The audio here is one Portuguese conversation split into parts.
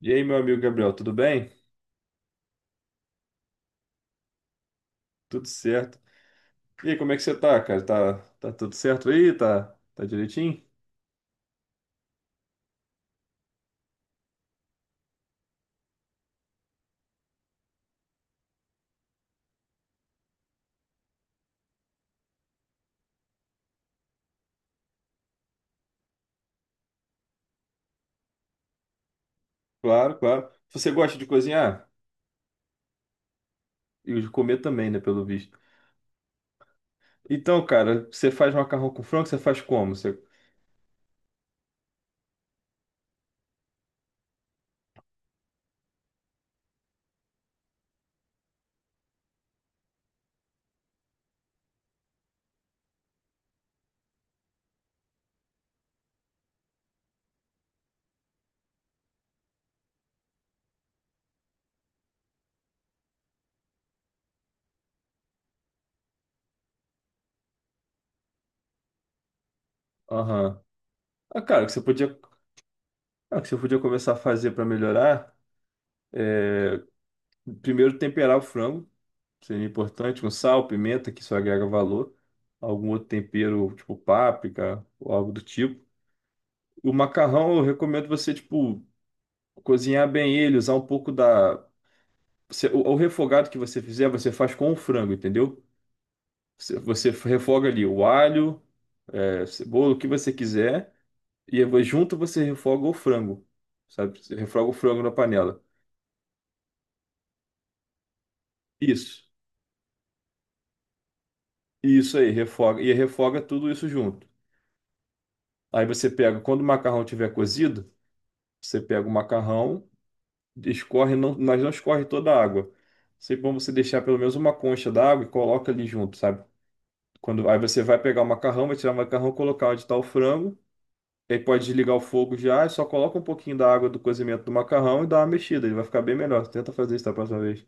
E aí, meu amigo Gabriel, tudo bem? Tudo certo. E aí, como é que você tá, cara? Tá tudo certo aí? Tá, tá direitinho? Claro, claro. Você gosta de cozinhar? E de comer também, né, pelo visto. Então, cara, você faz macarrão com frango, você faz como? Aham. Ah, cara, o que você podia começar a fazer para melhorar é, primeiro temperar o frango, seria importante, com sal, pimenta, que isso agrega valor, algum outro tempero, tipo páprica ou algo do tipo. O macarrão, eu recomendo você, tipo, cozinhar bem ele, usar um pouco da. O refogado que você fizer, você faz com o frango, entendeu? Você refoga ali o alho, cebola, o que você quiser, e aí junto você refoga o frango, sabe? Você refoga o frango na panela. Isso, isso aí, refoga. E refoga tudo isso junto. Aí você pega, quando o macarrão tiver cozido, você pega o macarrão, escorre, não, mas não escorre toda a água. Sempre bom você deixar pelo menos uma concha d'água e coloca ali junto, sabe? Aí você vai pegar o macarrão, vai tirar o macarrão, colocar onde está o frango. Aí pode desligar o fogo já, e só coloca um pouquinho da água do cozimento do macarrão e dá uma mexida, ele vai ficar bem melhor. Tenta fazer isso da próxima vez.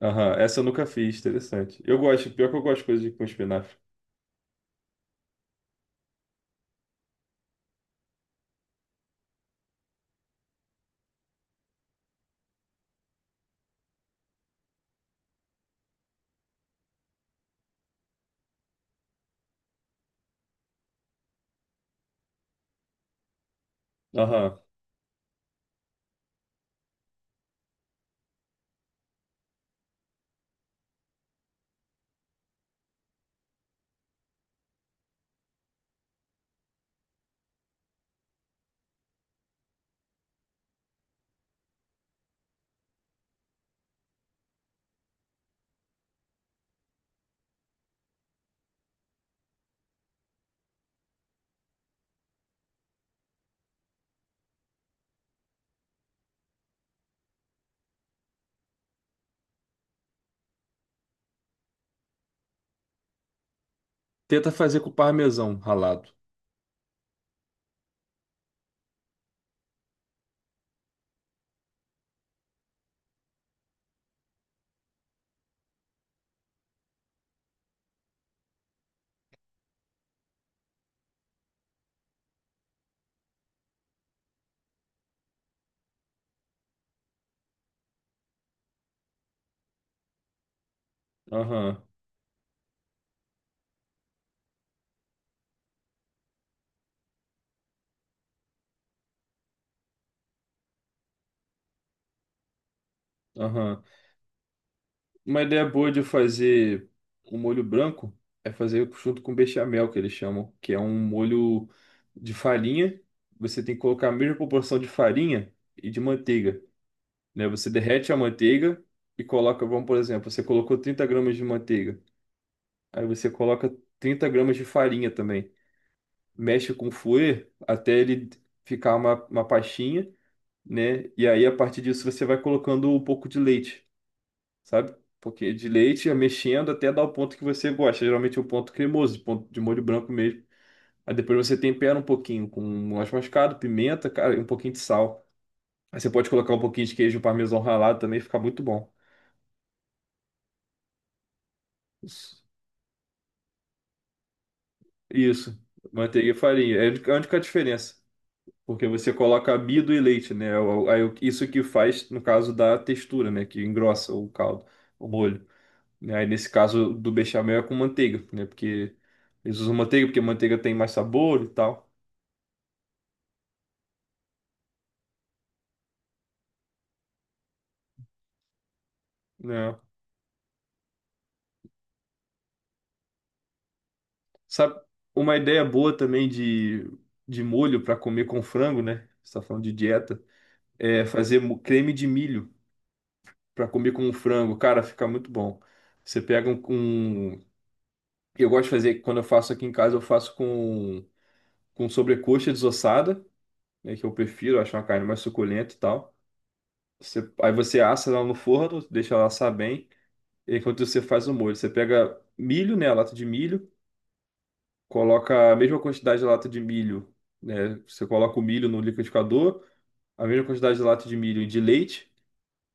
Aham, essa eu nunca fiz, interessante. Eu gosto, pior que eu gosto de coisa com espinafre. Aham. Tenta fazer com parmesão ralado. Aham, aham. Uma ideia boa de fazer um molho branco é fazer junto com bechamel, que eles chamam, que é um molho de farinha. Você tem que colocar a mesma proporção de farinha e de manteiga. Né? Você derrete a manteiga e coloca, vamos por exemplo, você colocou 30 gramas de manteiga, aí você coloca 30 gramas de farinha também. Mexe com o fouet até ele ficar uma pastinha, né? E aí a partir disso você vai colocando um pouco de leite, sabe? Porque de leite, mexendo até dar o ponto que você gosta. Geralmente é o ponto cremoso, o ponto de molho branco mesmo. Aí depois você tempera um pouquinho com noz moscada, pimenta, cara, e um pouquinho de sal. Aí você pode colocar um pouquinho de queijo parmesão ralado também, fica muito bom. Isso, manteiga e farinha. É a única diferença. Porque você coloca amido e leite, né? Isso que faz, no caso, da textura, né? Que engrossa o caldo, o molho. Né? Aí nesse caso do bechamel é com manteiga, né? Porque eles usam manteiga porque manteiga tem mais sabor e tal, né? Sabe, uma ideia boa também de molho para comer com frango, né? Você tá falando de dieta, é fazer creme de milho para comer com frango. Cara, fica muito bom. Você pega um, um Eu gosto de fazer, quando eu faço aqui em casa, eu faço com sobrecoxa desossada, né, que eu prefiro, acho uma carne mais suculenta e tal. Aí você assa ela no forno, deixa ela assar bem, e enquanto você faz o molho, você pega milho, né, a lata de milho, coloca a mesma quantidade de lata de milho, né, você coloca o milho no liquidificador, a mesma quantidade de lata de milho e de leite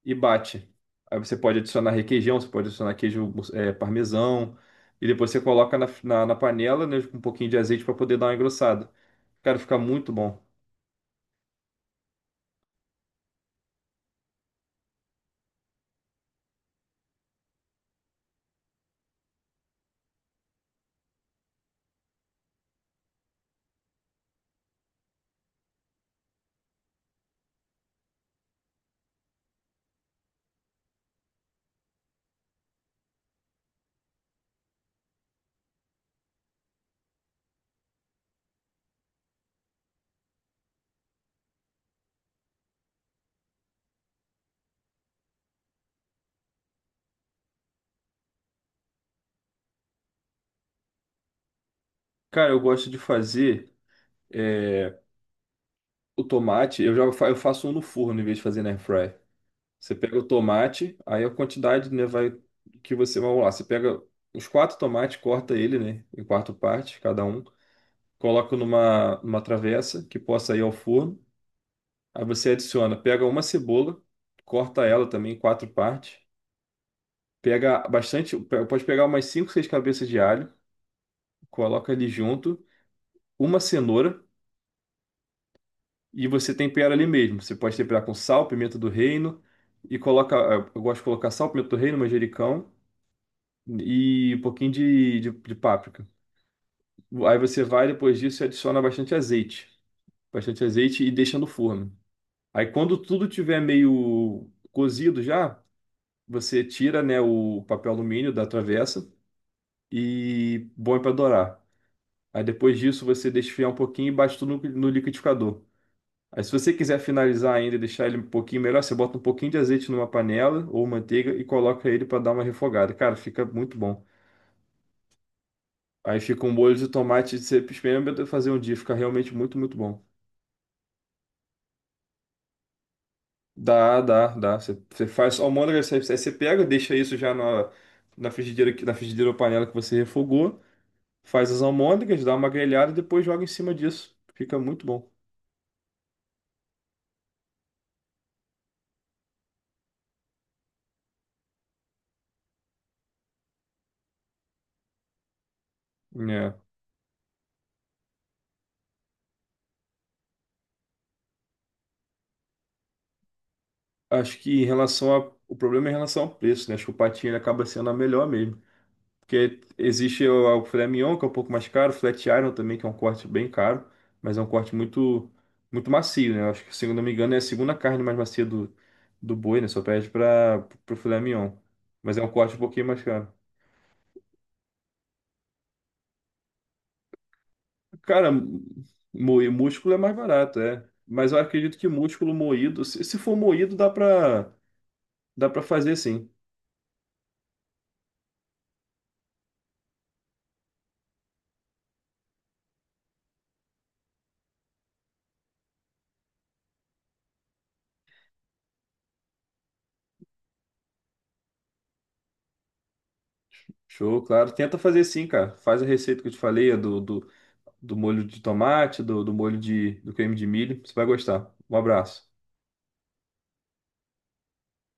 e bate. Aí você pode adicionar requeijão, você pode adicionar queijo, parmesão, e depois você coloca na panela, né, com um pouquinho de azeite para poder dar uma engrossada. Cara, fica muito bom. Cara, eu gosto de fazer é, o tomate. Eu faço um no forno em vez de fazer na airfryer. Você pega o tomate, aí a quantidade, né, vai que você vai lá. Você pega os quatro tomates, corta ele, né, em quatro partes, cada um. Coloca numa travessa que possa ir ao forno. Aí você adiciona, pega uma cebola, corta ela também em quatro partes. Pega bastante, pode pegar umas cinco, seis cabeças de alho, coloca ali junto, uma cenoura. E você tempera ali mesmo. Você pode temperar com sal, pimenta do reino e coloca. Eu gosto de colocar sal, pimenta do reino, manjericão e um pouquinho de páprica. Aí você vai depois disso e adiciona bastante azeite. Bastante azeite e deixa no forno. Aí quando tudo tiver meio cozido já, você tira, né, o papel alumínio da travessa e põe para dourar. Aí depois disso você deixa esfriar um pouquinho e bate tudo no liquidificador. Aí, se você quiser finalizar ainda e deixar ele um pouquinho melhor, você bota um pouquinho de azeite numa panela ou manteiga e coloca ele para dar uma refogada. Cara, fica muito bom. Aí fica um molho de tomate, você experimenta fazer um dia, fica realmente muito, muito bom. Dá, dá, dá. Você faz almôndega, você, aí você pega, deixa isso já na frigideira, na frigideira ou panela que você refogou, faz as almôndegas, dá uma grelhada e depois joga em cima disso. Fica muito bom. É. Acho que o problema é em relação ao preço, né? Acho que o patinho ele acaba sendo a melhor mesmo. Porque existe o filé mignon, que é um pouco mais caro, o flat iron também, que é um corte bem caro, mas é um corte muito, muito macio, né? Eu acho que, se eu não me engano, é a segunda carne mais macia do boi, né? Só perde para o filé mignon. Mas é um corte um pouquinho mais caro. Cara, moer músculo é mais barato, é. Mas eu acredito que músculo moído, se for moído, dá pra fazer sim. Show, claro. Tenta fazer sim, cara. Faz a receita que eu te falei, a do molho de tomate, do molho de, do creme de milho. Você vai gostar. Um abraço.